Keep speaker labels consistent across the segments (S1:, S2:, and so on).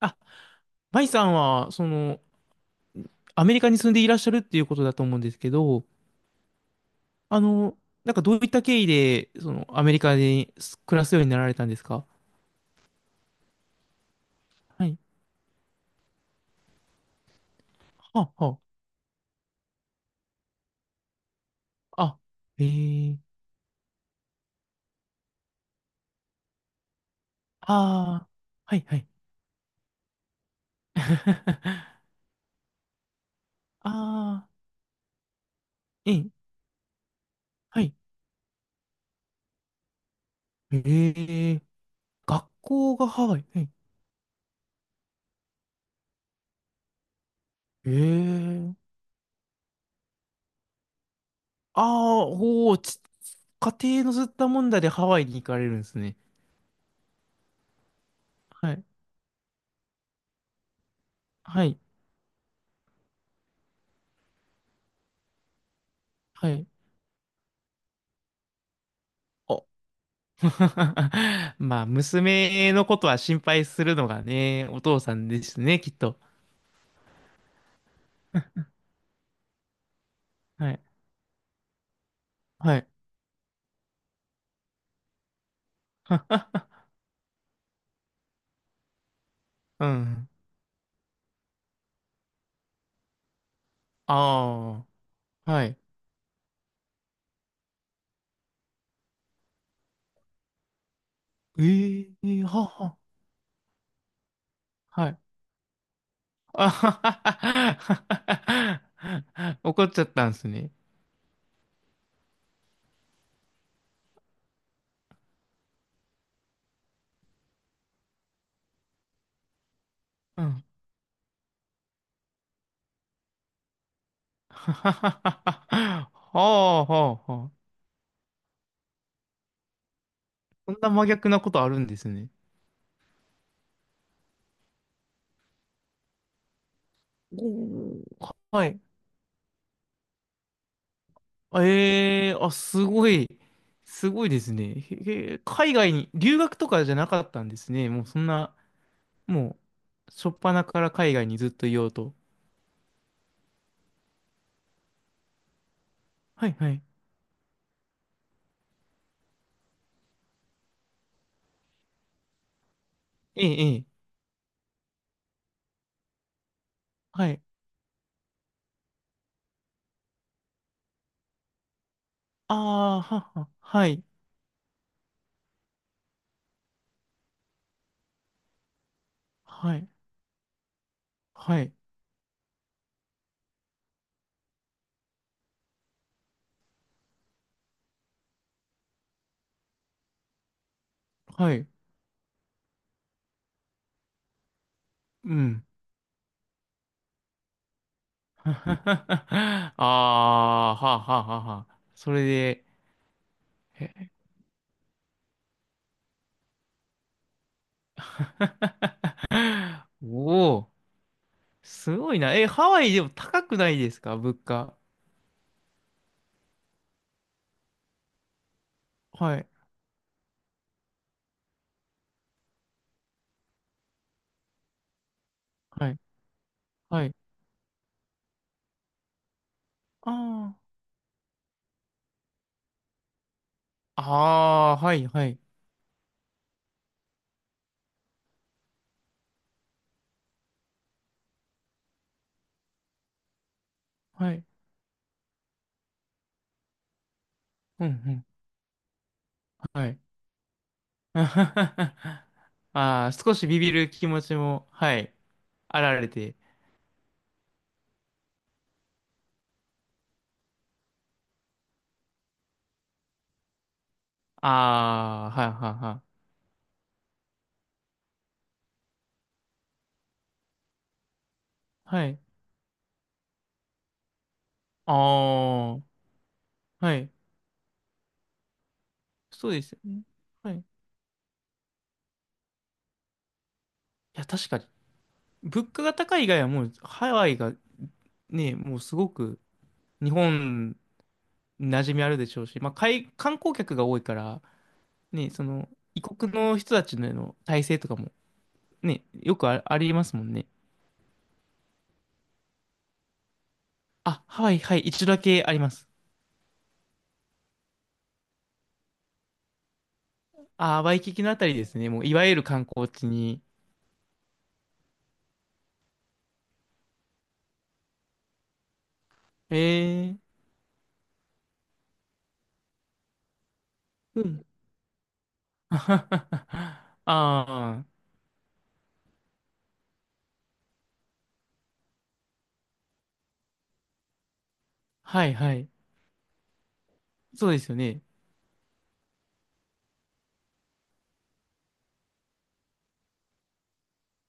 S1: あ、マイさんは、アメリカに住んでいらっしゃるっていうことだと思うんですけど、あの、どういった経緯で、アメリカで暮らすようになられたんですか？はい。はあ、はあ、あ、えー、ああ、はい、はい。ああ、ええ、はい。ええ、学校がハワイ。はい。ええ、ああ、おお、ち、家庭のずったもんだでハワイに行かれるんですね。はい、はい、はい。あ、 まあ、娘のことは心配するのがね、お父さんですね、きっと。はい。はい。うん。ああ。はい。ええはは。はい。あははは。怒っちゃったんですね。うん。はははは。はあはあはあ。そんな真逆なことあるんですね。おー、はい。あええあ、すごい、すごいですね。へへ海外に、留学とかじゃなかったんですね。もうそんな、もう、初っ端から海外にずっといようと。はい、はい。ええ、ええ、はい。ああ、はは、はい、はい、はい、はい、うん。ああ、はあはあ。はあ、それで、へ、 おお、すごいな。え、ハワイでも高くないですか、物価。はい、はい。はい、ああ、ああ、はい、はい、はい、うん、うん、はい。ああ、少しビビる気持ちも、はい、あられて。ああ、はい、はい、はい。はい。ああ、はい。そうですよね。はい。いや、確かに。物価が高い以外はもう、ハワイが、ね、もうすごく、日本、馴染みあるでしょうし、まあ、海観光客が多いから、ね、異国の人たちの体制とかも、ね、よくあ、ありますもんね。あ、はいはい、一度だけあります。あー、ワイキキのあたりですね。もう、いわゆる観光地に。えー、うん。ああ、はいはい。そうですよね。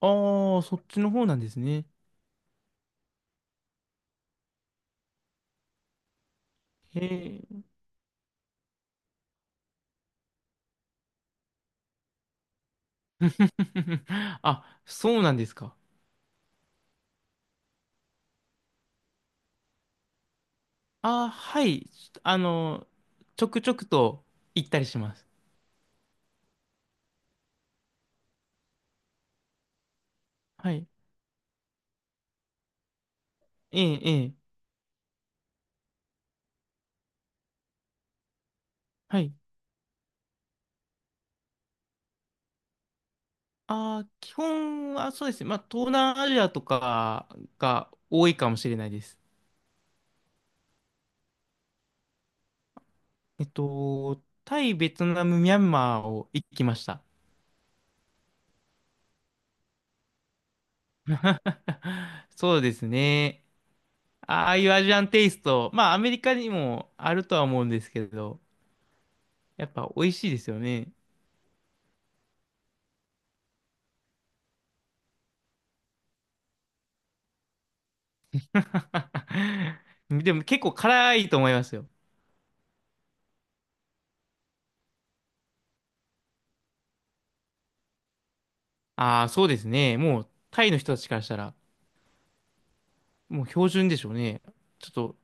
S1: ああ、そっちの方なんですね。へえ。あ、そうなんですか。ああ、はい。あの、ちょくちょくと行ったりします。はい。ええ、ええ。はい。ああ、基本はそうですね。まあ、東南アジアとかが多いかもしれないです。タイ、ベトナム、ミャンマーを行ってきました。そうですね。ああいうアジアンテイスト、まあアメリカにもあるとは思うんですけど、やっぱ美味しいですよね。でも結構辛いと思いますよ。ああ、そうですね。もうタイの人たちからしたら、もう標準でしょうね。ちょっと、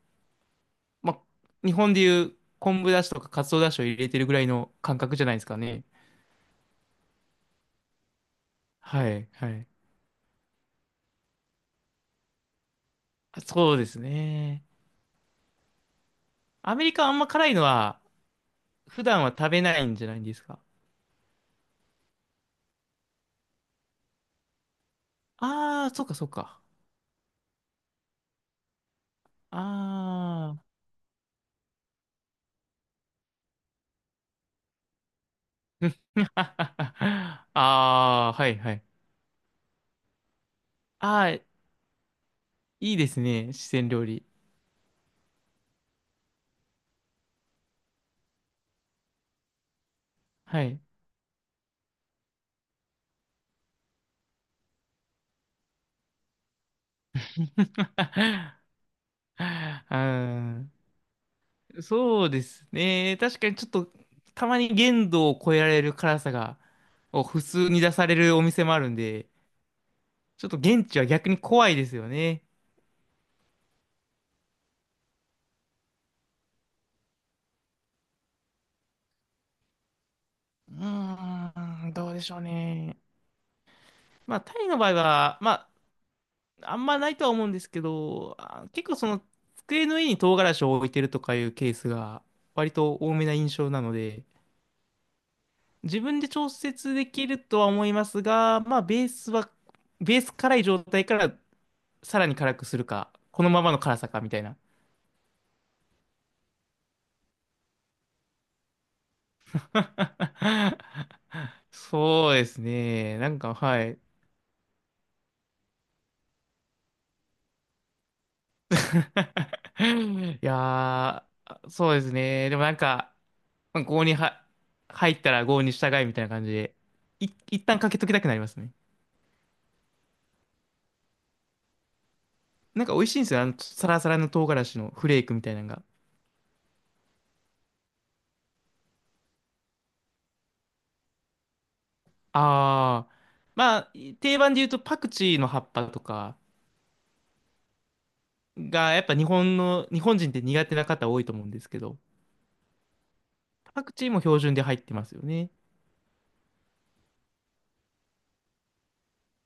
S1: まあ、日本でいう昆布だしとかカツオだしを入れてるぐらいの感覚じゃないですかね。はい、はい。そうですね。アメリカはあんま辛いのは普段は食べないんじゃないんですか？ああー、そうかそうか。ああ。ああ、はいはい。ああ、いいですね。四川料理。はい。あー、そうですね。確かにちょっとたまに限度を超えられる辛さが、を普通に出されるお店もあるんで、ちょっと現地は逆に怖いですよね。うーん、どうでしょうね。まあ、タイの場合は、まあんまないとは思うんですけど、あ結構その机の上に唐辛子を置いてるとかいうケースが割と多めな印象なので、自分で調節できるとは思いますが、まあベースは、ベース辛い状態からさらに辛くするか、このままの辛さかみたいな。そうですね。はい。いやー、そうですね。でもなんか、まあ郷には入ったら郷に従いみたいな感じで、い、一旦かけときたくなりますね。なんか美味しいんですよ。サラサラの唐辛子のフレークみたいなのが。あー、まあ、定番で言うとパクチーの葉っぱとかが、やっぱ日本の、日本人って苦手な方多いと思うんですけど、パクチーも標準で入ってますよね。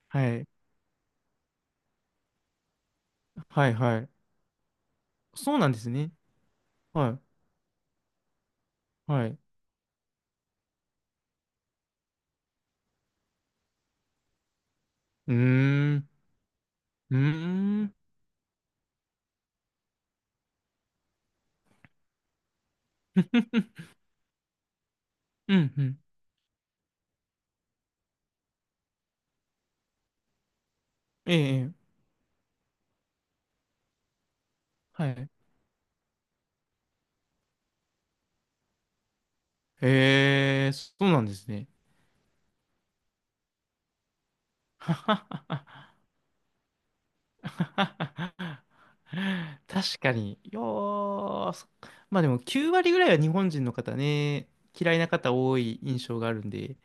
S1: はい。はいはい。そうなんですね。はい。はい。うーん。うーん。うんうん。ええ、ええはい。ええ、そうなんですね。はははは、確かに。よー、そ、まあでも9割ぐらいは日本人の方ね、嫌いな方多い印象があるんで、